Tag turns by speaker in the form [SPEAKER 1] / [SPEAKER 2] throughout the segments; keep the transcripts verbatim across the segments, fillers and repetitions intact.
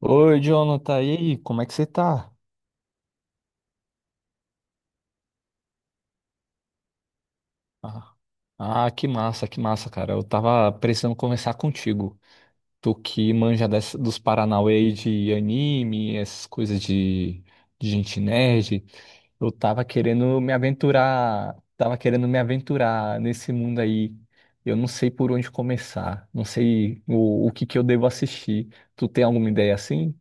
[SPEAKER 1] Oi, Jonathan, e aí, como é que você tá? Ah, ah, que massa, que massa, cara. Eu tava precisando conversar contigo. Tu que manja dessa, dos Paranauê aí de anime, essas coisas de, de gente nerd. Eu tava querendo me aventurar, tava querendo me aventurar nesse mundo aí. Eu não sei por onde começar, não sei o, o que que eu devo assistir. Tu tem alguma ideia assim?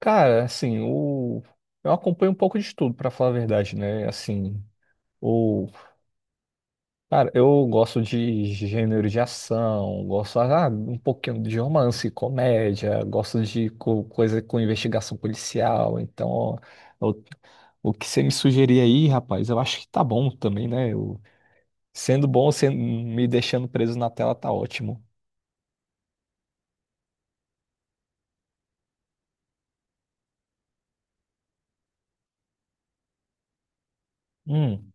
[SPEAKER 1] Cara, assim, o... eu acompanho um pouco de tudo, pra falar a verdade, né? Assim. O Cara, eu gosto de gênero de ação, gosto ah, um pouquinho de romance, comédia, gosto de co- coisa com investigação policial. Então, ó, o, o que você me sugerir aí, rapaz, eu acho que tá bom também, né? Eu- sendo bom, sendo, me deixando preso na tela tá ótimo. Hum.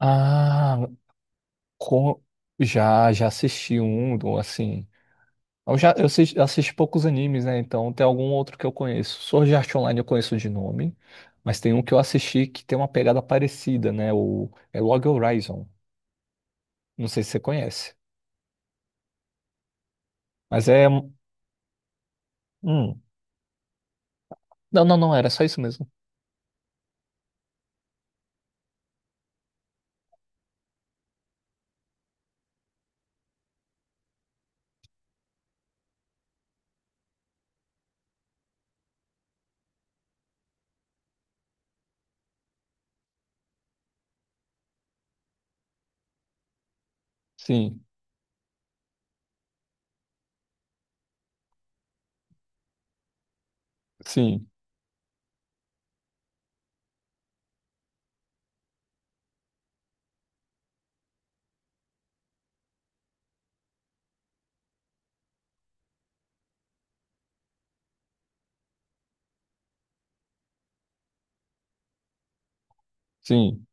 [SPEAKER 1] Ah, com já, já assisti um, do- assim. Eu já eu assisti, eu assisti poucos animes, né? Então tem algum outro que eu conheço. Sword Art Online eu conheço de nome, mas tem um que eu assisti que tem uma pegada parecida, né? O é Log Horizon. Não sei se você conhece, mas é um, hum. Não, não, não, era só isso mesmo. Sim, sim, sim,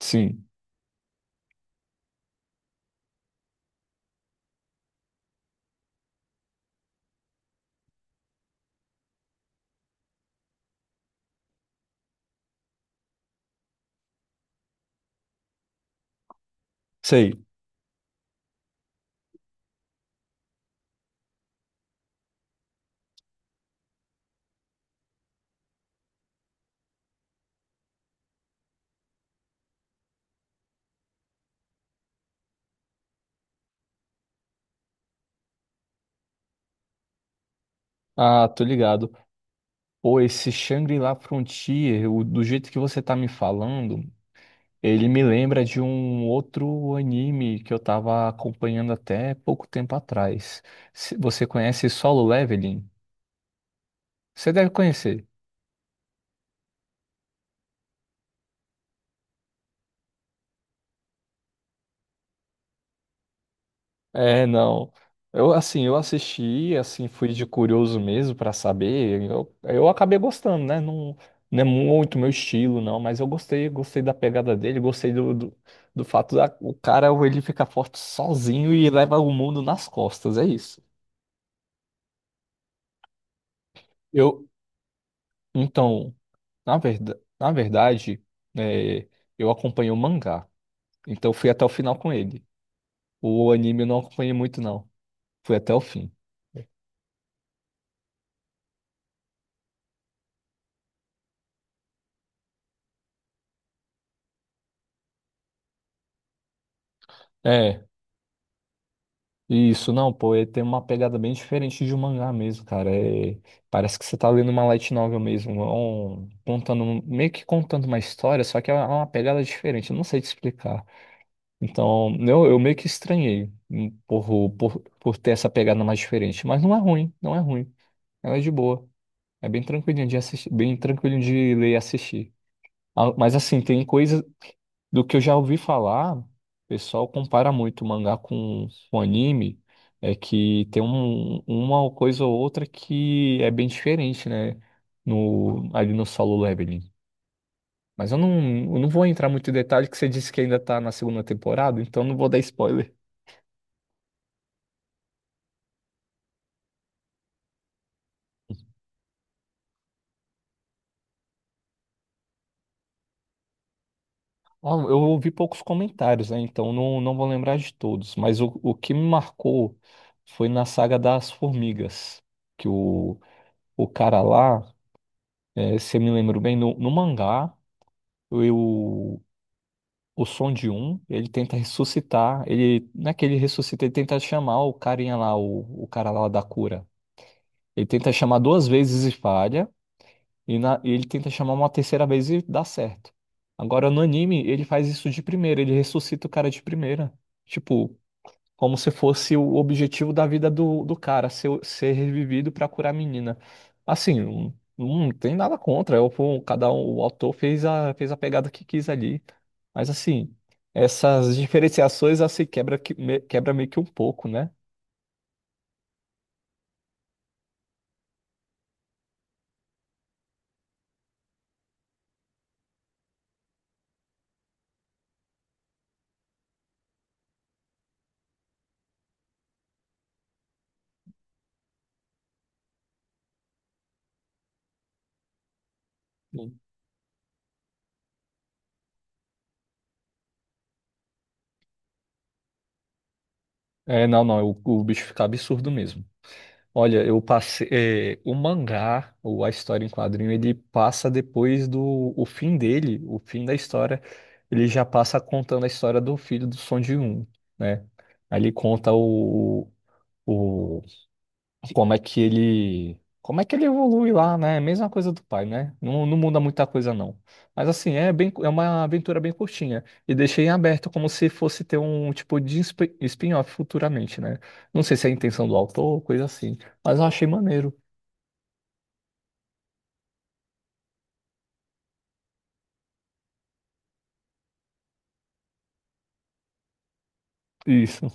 [SPEAKER 1] sim. Sei. Ah, tô ligado. Pô, esse Shangri-La Frontier, o- do jeito que você tá me falando, ele me lembra de um outro anime que eu tava acompanhando até pouco tempo atrás. Se- Você conhece Solo Leveling? Você deve conhecer. É, não. Eu assim, eu assisti, assim, fui de curioso mesmo pra saber. Eu, eu acabei gostando, né? Não, não é muito meu estilo, não, mas eu gostei, gostei da pegada dele, gostei do, do, do fato da o cara ele fica forte sozinho e leva o mundo nas costas, é isso. Eu, então, na verda- na verdade, é, eu acompanhei o mangá. Então fui até o final com ele. O anime eu não acompanhei muito, não. Fui até o fim. É, isso, não, pô, ele tem uma pegada bem diferente de um mangá mesmo, cara. É, parece que você tá lendo uma light novel mesmo. é um- contando, um, meio que contando uma história, só que é uma pegada diferente. Eu não sei te explicar. Então, eu, eu meio que estranhei hum, por, por, por ter essa pegada mais diferente. Mas não é ruim, não é ruim. Ela é de boa. É bem tranquilinho de assistir, bem tranquilo de ler e assistir. Ah, mas assim, tem coisa do que eu já ouvi falar, o pessoal compara muito o mangá com o anime, é que tem um- uma coisa ou outra que é bem diferente, né? No, ali no Solo Leveling. Mas eu não, eu não vou entrar muito em detalhe, que você disse que ainda tá na segunda temporada, então eu não vou dar spoiler. Ó, eu ouvi poucos comentários, né? Então não, não vou lembrar de todos. Mas o, o que me marcou foi na saga das formigas. Que o, o cara lá, é, se eu me lembro bem, no, no mangá, o, o Som de Um, ele tenta ressuscitar. Ele, não é que ele ressuscita, ele tenta chamar o carinha lá, o, o cara lá da cura. Ele tenta chamar duas vezes e falha. E, na- e ele tenta chamar uma terceira vez e dá certo. Agora, no anime, ele faz isso de primeira, ele ressuscita o cara de primeira. Tipo, como se fosse o objetivo da vida do, do cara, ser, ser revivido pra curar a menina. Assim, não, não tem nada contra. Eu, pô, cada um, o autor fez a, fez a pegada que quis ali. Mas assim, essas diferenciações assim quebra, que- me- quebra meio que um pouco, né? Sim. É, não, não, o, o bicho fica absurdo mesmo. Olha, eu passei. Eh, o mangá, ou a história em quadrinho, ele passa depois do o fim dele, o fim da história. Ele já passa contando a história do filho do Son de Um, né? Aí ele conta o, o, como é que ele, como é que ele evolui lá, né? Mesma coisa do pai, né? Não, não muda muita coisa não. Mas assim, é bem, é uma aventura bem curtinha e deixei em aberto como se fosse ter um tipo de sp- spin-off futuramente, né? Não sei se é a intenção do autor ou coisa assim, mas eu achei maneiro isso.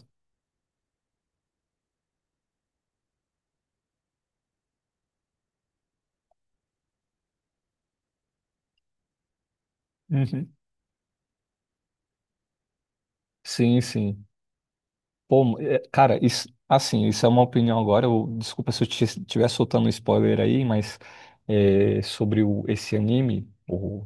[SPEAKER 1] Uhum. Sim, sim. Pô, é, cara, isso, assim, isso é uma opinião agora. Eu, desculpa se eu estiver soltando um spoiler aí, mas é, sobre o, esse anime, o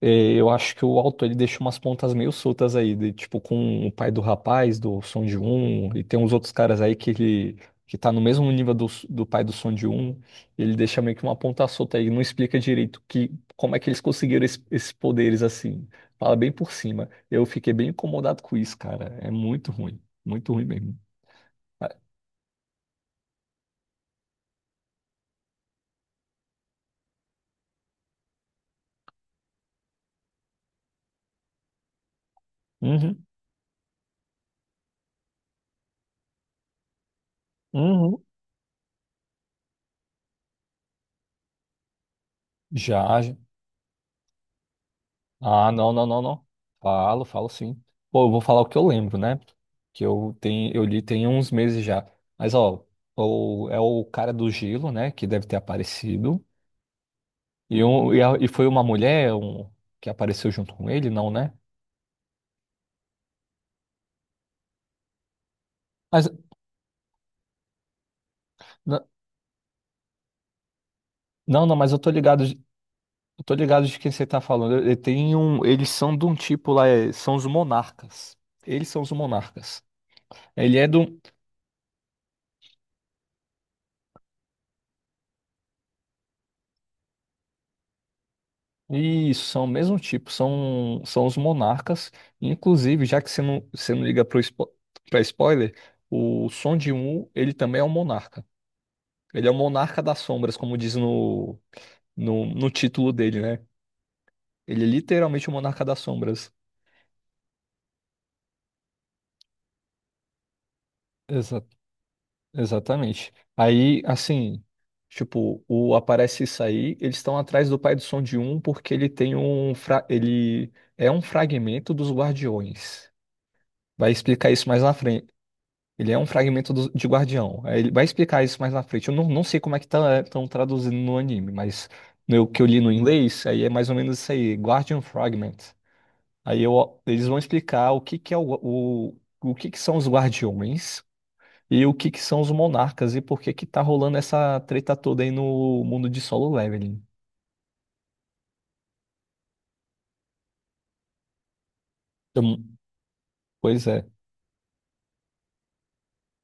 [SPEAKER 1] é, eu acho que o autor ele deixou umas pontas meio soltas aí, de, tipo com o pai do rapaz, do Son de Um e tem uns outros caras aí que ele que tá no mesmo nível do, do pai do Son de Um, ele deixa meio que uma ponta solta aí, não explica direito que como é que eles conseguiram es- esses poderes assim. Fala bem por cima. Eu fiquei bem incomodado com isso, cara. É muito ruim, muito ruim mesmo. Uhum, uhum. Já, Ah, não, não, não, não. Falo, falo sim. Pô, eu vou falar o que eu lembro, né? Que eu tenho, eu li tem uns meses já. Mas, ó, o, é o cara do gelo, né? Que deve ter aparecido. E, um, e, a- e foi uma mulher um, que apareceu junto com ele, não, né? Mas, n- não, não, mas eu tô ligado, de- eu tô ligado de quem você tá falando. Ele tem um, eles são de um tipo lá, é- são os monarcas. Eles são os monarcas. Ele é do isso, são o mesmo tipo, são, são os monarcas. Inclusive, já que você não, você não liga para spo pra spoiler, o Son de Um ele também é um monarca. Ele é o monarca das sombras, como diz no, no, no título dele, né? Ele é literalmente o monarca das sombras. Exa- Exatamente. Aí, assim, tipo, o aparece isso aí, eles estão atrás do pai do Som de Um porque ele tem um fra ele é um fragmento dos guardiões. Vai explicar isso mais na frente, ele é um fragmento do- de Guardião. Aí ele vai explicar isso mais na frente. Eu não, não sei como é que estão traduzindo no anime, mas no que eu li no inglês, aí é mais ou menos isso aí, Guardian Fragment. Aí eu- eles vão explicar o que que é o, o, o que que são os Guardiões e o que que são os Monarcas e por que que tá rolando essa treta toda aí no mundo de Solo Leveling. Eu não- Pois é.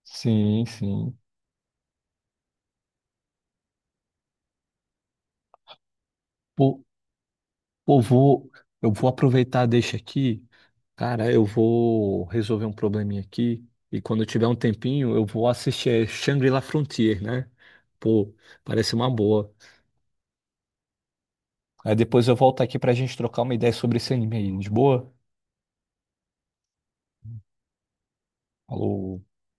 [SPEAKER 1] Sim, sim. Por- Pô, vou, eu vou aproveitar deixa aqui. Cara, eu vou resolver um probleminha aqui. E quando eu tiver um tempinho, eu vou assistir é, Shangri-La Frontier, né? Pô, parece uma boa. Aí depois eu volto aqui pra gente trocar uma ideia sobre esse anime aí, de boa? Falou.